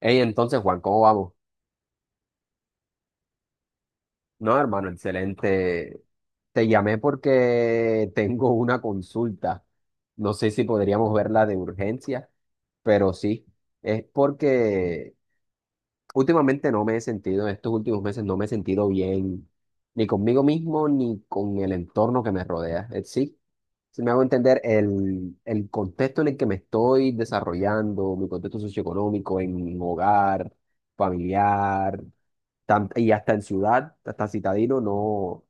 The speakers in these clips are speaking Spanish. Hey, entonces, Juan, ¿cómo vamos? No, hermano, excelente. Te llamé porque tengo una consulta. No sé si podríamos verla de urgencia, pero sí. Es porque últimamente no me he sentido, en estos últimos meses no me he sentido bien, ni conmigo mismo, ni con el entorno que me rodea. Sí, si me hago entender el contexto en el que me estoy desarrollando, mi contexto socioeconómico, en mi hogar familiar. Y hasta en ciudad, hasta citadino, no,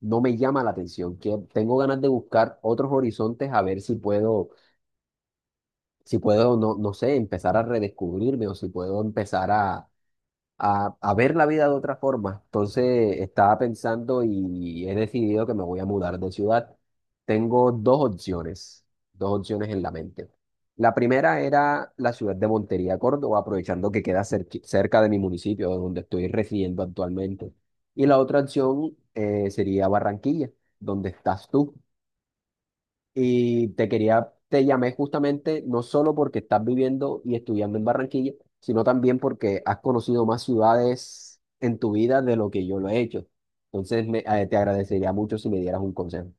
no me llama la atención. Que tengo ganas de buscar otros horizontes a ver si puedo, si puedo, no, no sé, empezar a redescubrirme o si puedo empezar a ver la vida de otra forma. Entonces estaba pensando y he decidido que me voy a mudar de ciudad. Tengo dos opciones en la mente. La primera era la ciudad de Montería, Córdoba, aprovechando que queda cerca de mi municipio, donde estoy residiendo actualmente. Y la otra opción sería Barranquilla, donde estás tú. Y te quería, te llamé justamente no solo porque estás viviendo y estudiando en Barranquilla, sino también porque has conocido más ciudades en tu vida de lo que yo lo he hecho. Entonces te agradecería mucho si me dieras un consejo.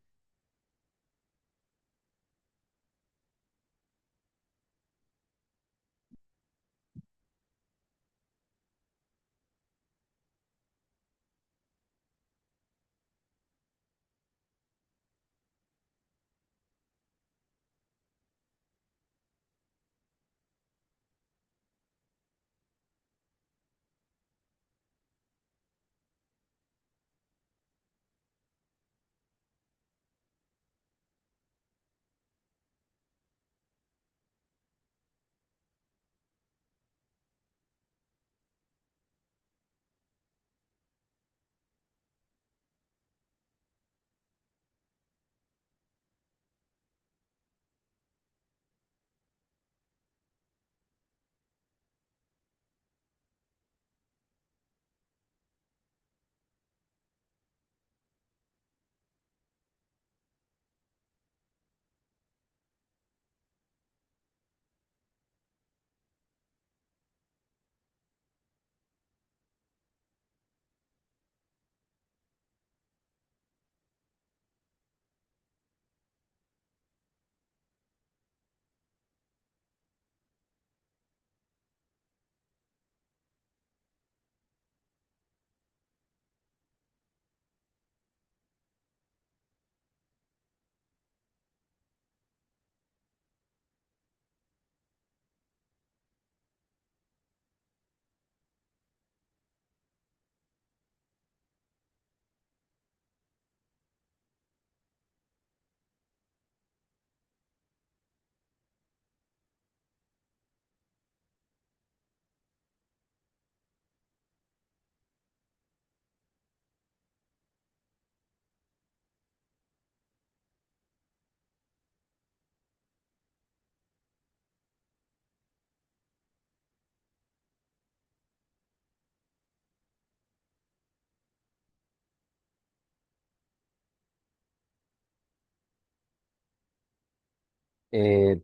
Eh,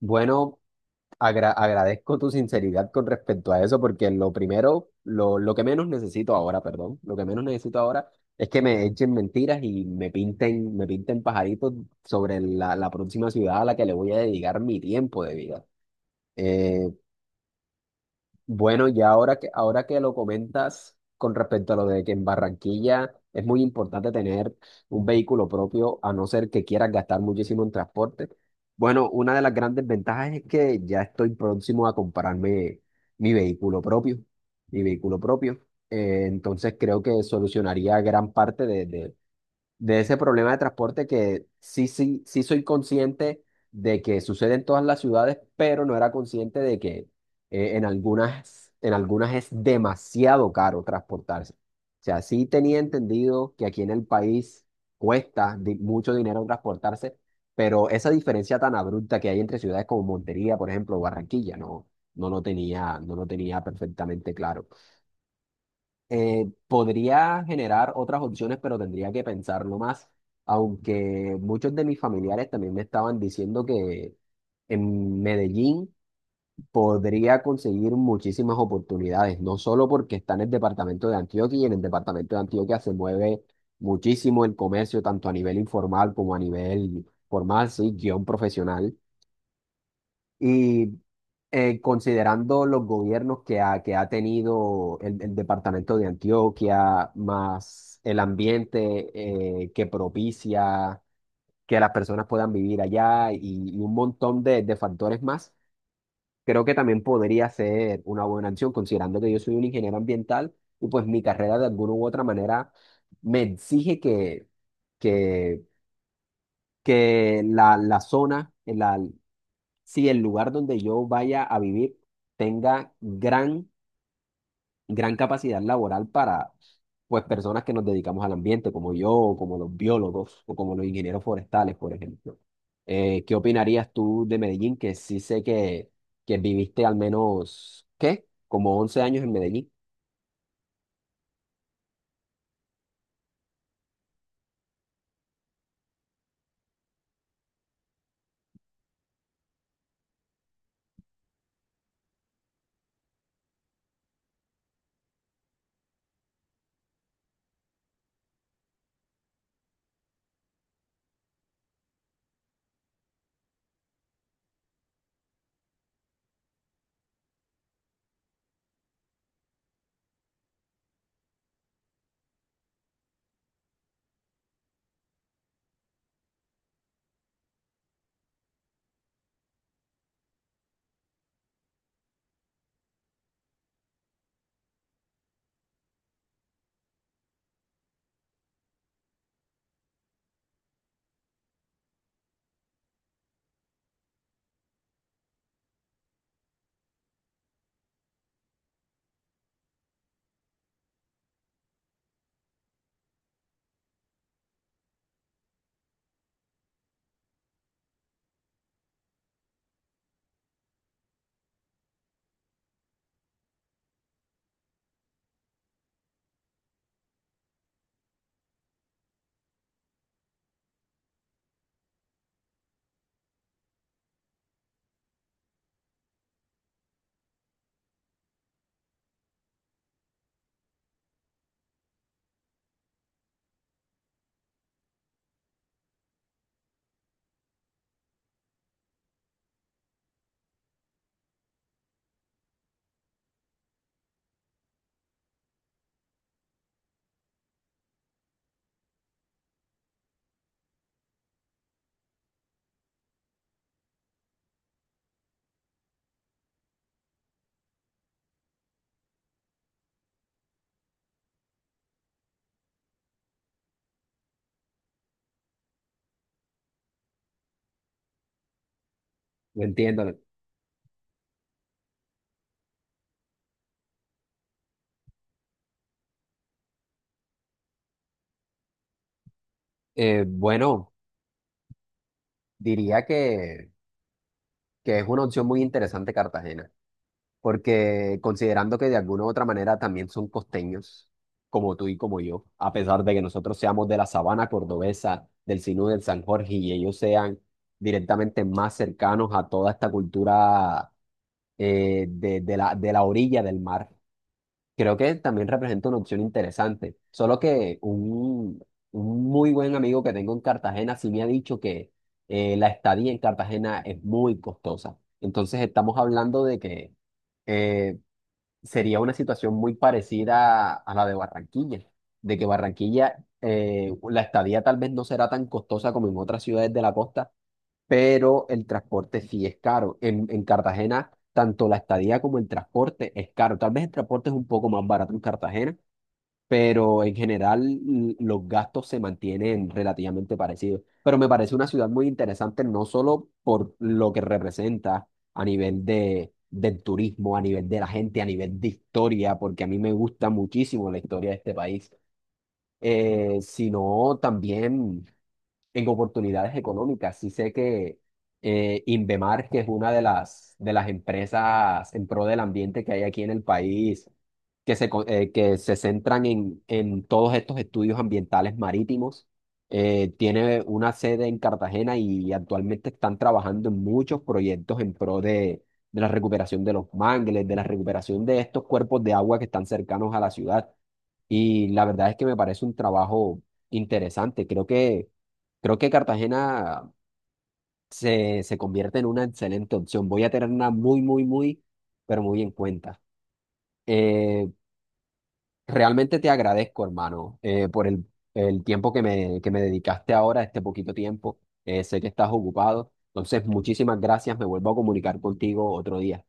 bueno, agradezco tu sinceridad con respecto a eso, porque lo primero, lo que menos necesito ahora, perdón, lo que menos necesito ahora es que me echen mentiras y me pinten pajaritos sobre la próxima ciudad a la que le voy a dedicar mi tiempo de vida. Eh, bueno, ya ahora que lo comentas con respecto a lo de que en Barranquilla es muy importante tener un vehículo propio, a no ser que quieras gastar muchísimo en transporte. Bueno, una de las grandes ventajas es que ya estoy próximo a comprarme mi vehículo propio, mi vehículo propio. Entonces creo que solucionaría gran parte de ese problema de transporte que sí, sí, sí soy consciente de que sucede en todas las ciudades, pero no era consciente de que en algunas es demasiado caro transportarse. O sea, sí tenía entendido que aquí en el país cuesta mucho dinero transportarse, pero esa diferencia tan abrupta que hay entre ciudades como Montería, por ejemplo, o Barranquilla, no, no lo tenía perfectamente claro. Podría generar otras opciones, pero tendría que pensarlo más, aunque muchos de mis familiares también me estaban diciendo que en Medellín podría conseguir muchísimas oportunidades, no solo porque está en el departamento de Antioquia y en el departamento de Antioquia se mueve muchísimo el comercio, tanto a nivel informal como a nivel formal, sí, guión profesional, y considerando los gobiernos que ha tenido el departamento de Antioquia, más el ambiente que propicia que las personas puedan vivir allá, y un montón de factores más, creo que también podría ser una buena opción, considerando que yo soy un ingeniero ambiental y pues mi carrera de alguna u otra manera me exige que, que si el lugar donde yo vaya a vivir tenga gran capacidad laboral para, pues, personas que nos dedicamos al ambiente, como yo, o como los biólogos, o como los ingenieros forestales, por ejemplo. ¿Qué opinarías tú de Medellín? Que sí sé que viviste al menos, ¿qué? Como 11 años en Medellín. No entiendo. Bueno, diría que es una opción muy interesante Cartagena, porque considerando que de alguna u otra manera también son costeños, como tú y como yo, a pesar de que nosotros seamos de la sabana cordobesa, del Sinú del San Jorge, y ellos sean directamente más cercanos a toda esta cultura de la orilla del mar, creo que también representa una opción interesante. Solo que un muy buen amigo que tengo en Cartagena sí me ha dicho que la estadía en Cartagena es muy costosa. Entonces estamos hablando de que eh, sería una situación muy parecida a la de Barranquilla, de que Barranquilla, la estadía tal vez no será tan costosa como en otras ciudades de la costa, pero el transporte sí es caro. En Cartagena, tanto la estadía como el transporte es caro. Tal vez el transporte es un poco más barato en Cartagena, pero en general los gastos se mantienen relativamente parecidos. Pero me parece una ciudad muy interesante, no solo por lo que representa a nivel del turismo, a nivel de la gente, a nivel de historia, porque a mí me gusta muchísimo la historia de este país, sino también en oportunidades económicas. Sí sé que Invemar, que es una de de las empresas en pro del ambiente que hay aquí en el país, que que se centran en todos estos estudios ambientales marítimos, tiene una sede en Cartagena y actualmente están trabajando en muchos proyectos en pro de la recuperación de los mangles, de la recuperación de estos cuerpos de agua que están cercanos a la ciudad. Y la verdad es que me parece un trabajo interesante. Creo que Cartagena se convierte en una excelente opción. Voy a tenerla muy, muy, muy, pero muy en cuenta. Eh, Realmente te agradezco, hermano, por el tiempo que me dedicaste ahora, este poquito tiempo. Sé que estás ocupado. Entonces, muchísimas gracias. Me vuelvo a comunicar contigo otro día.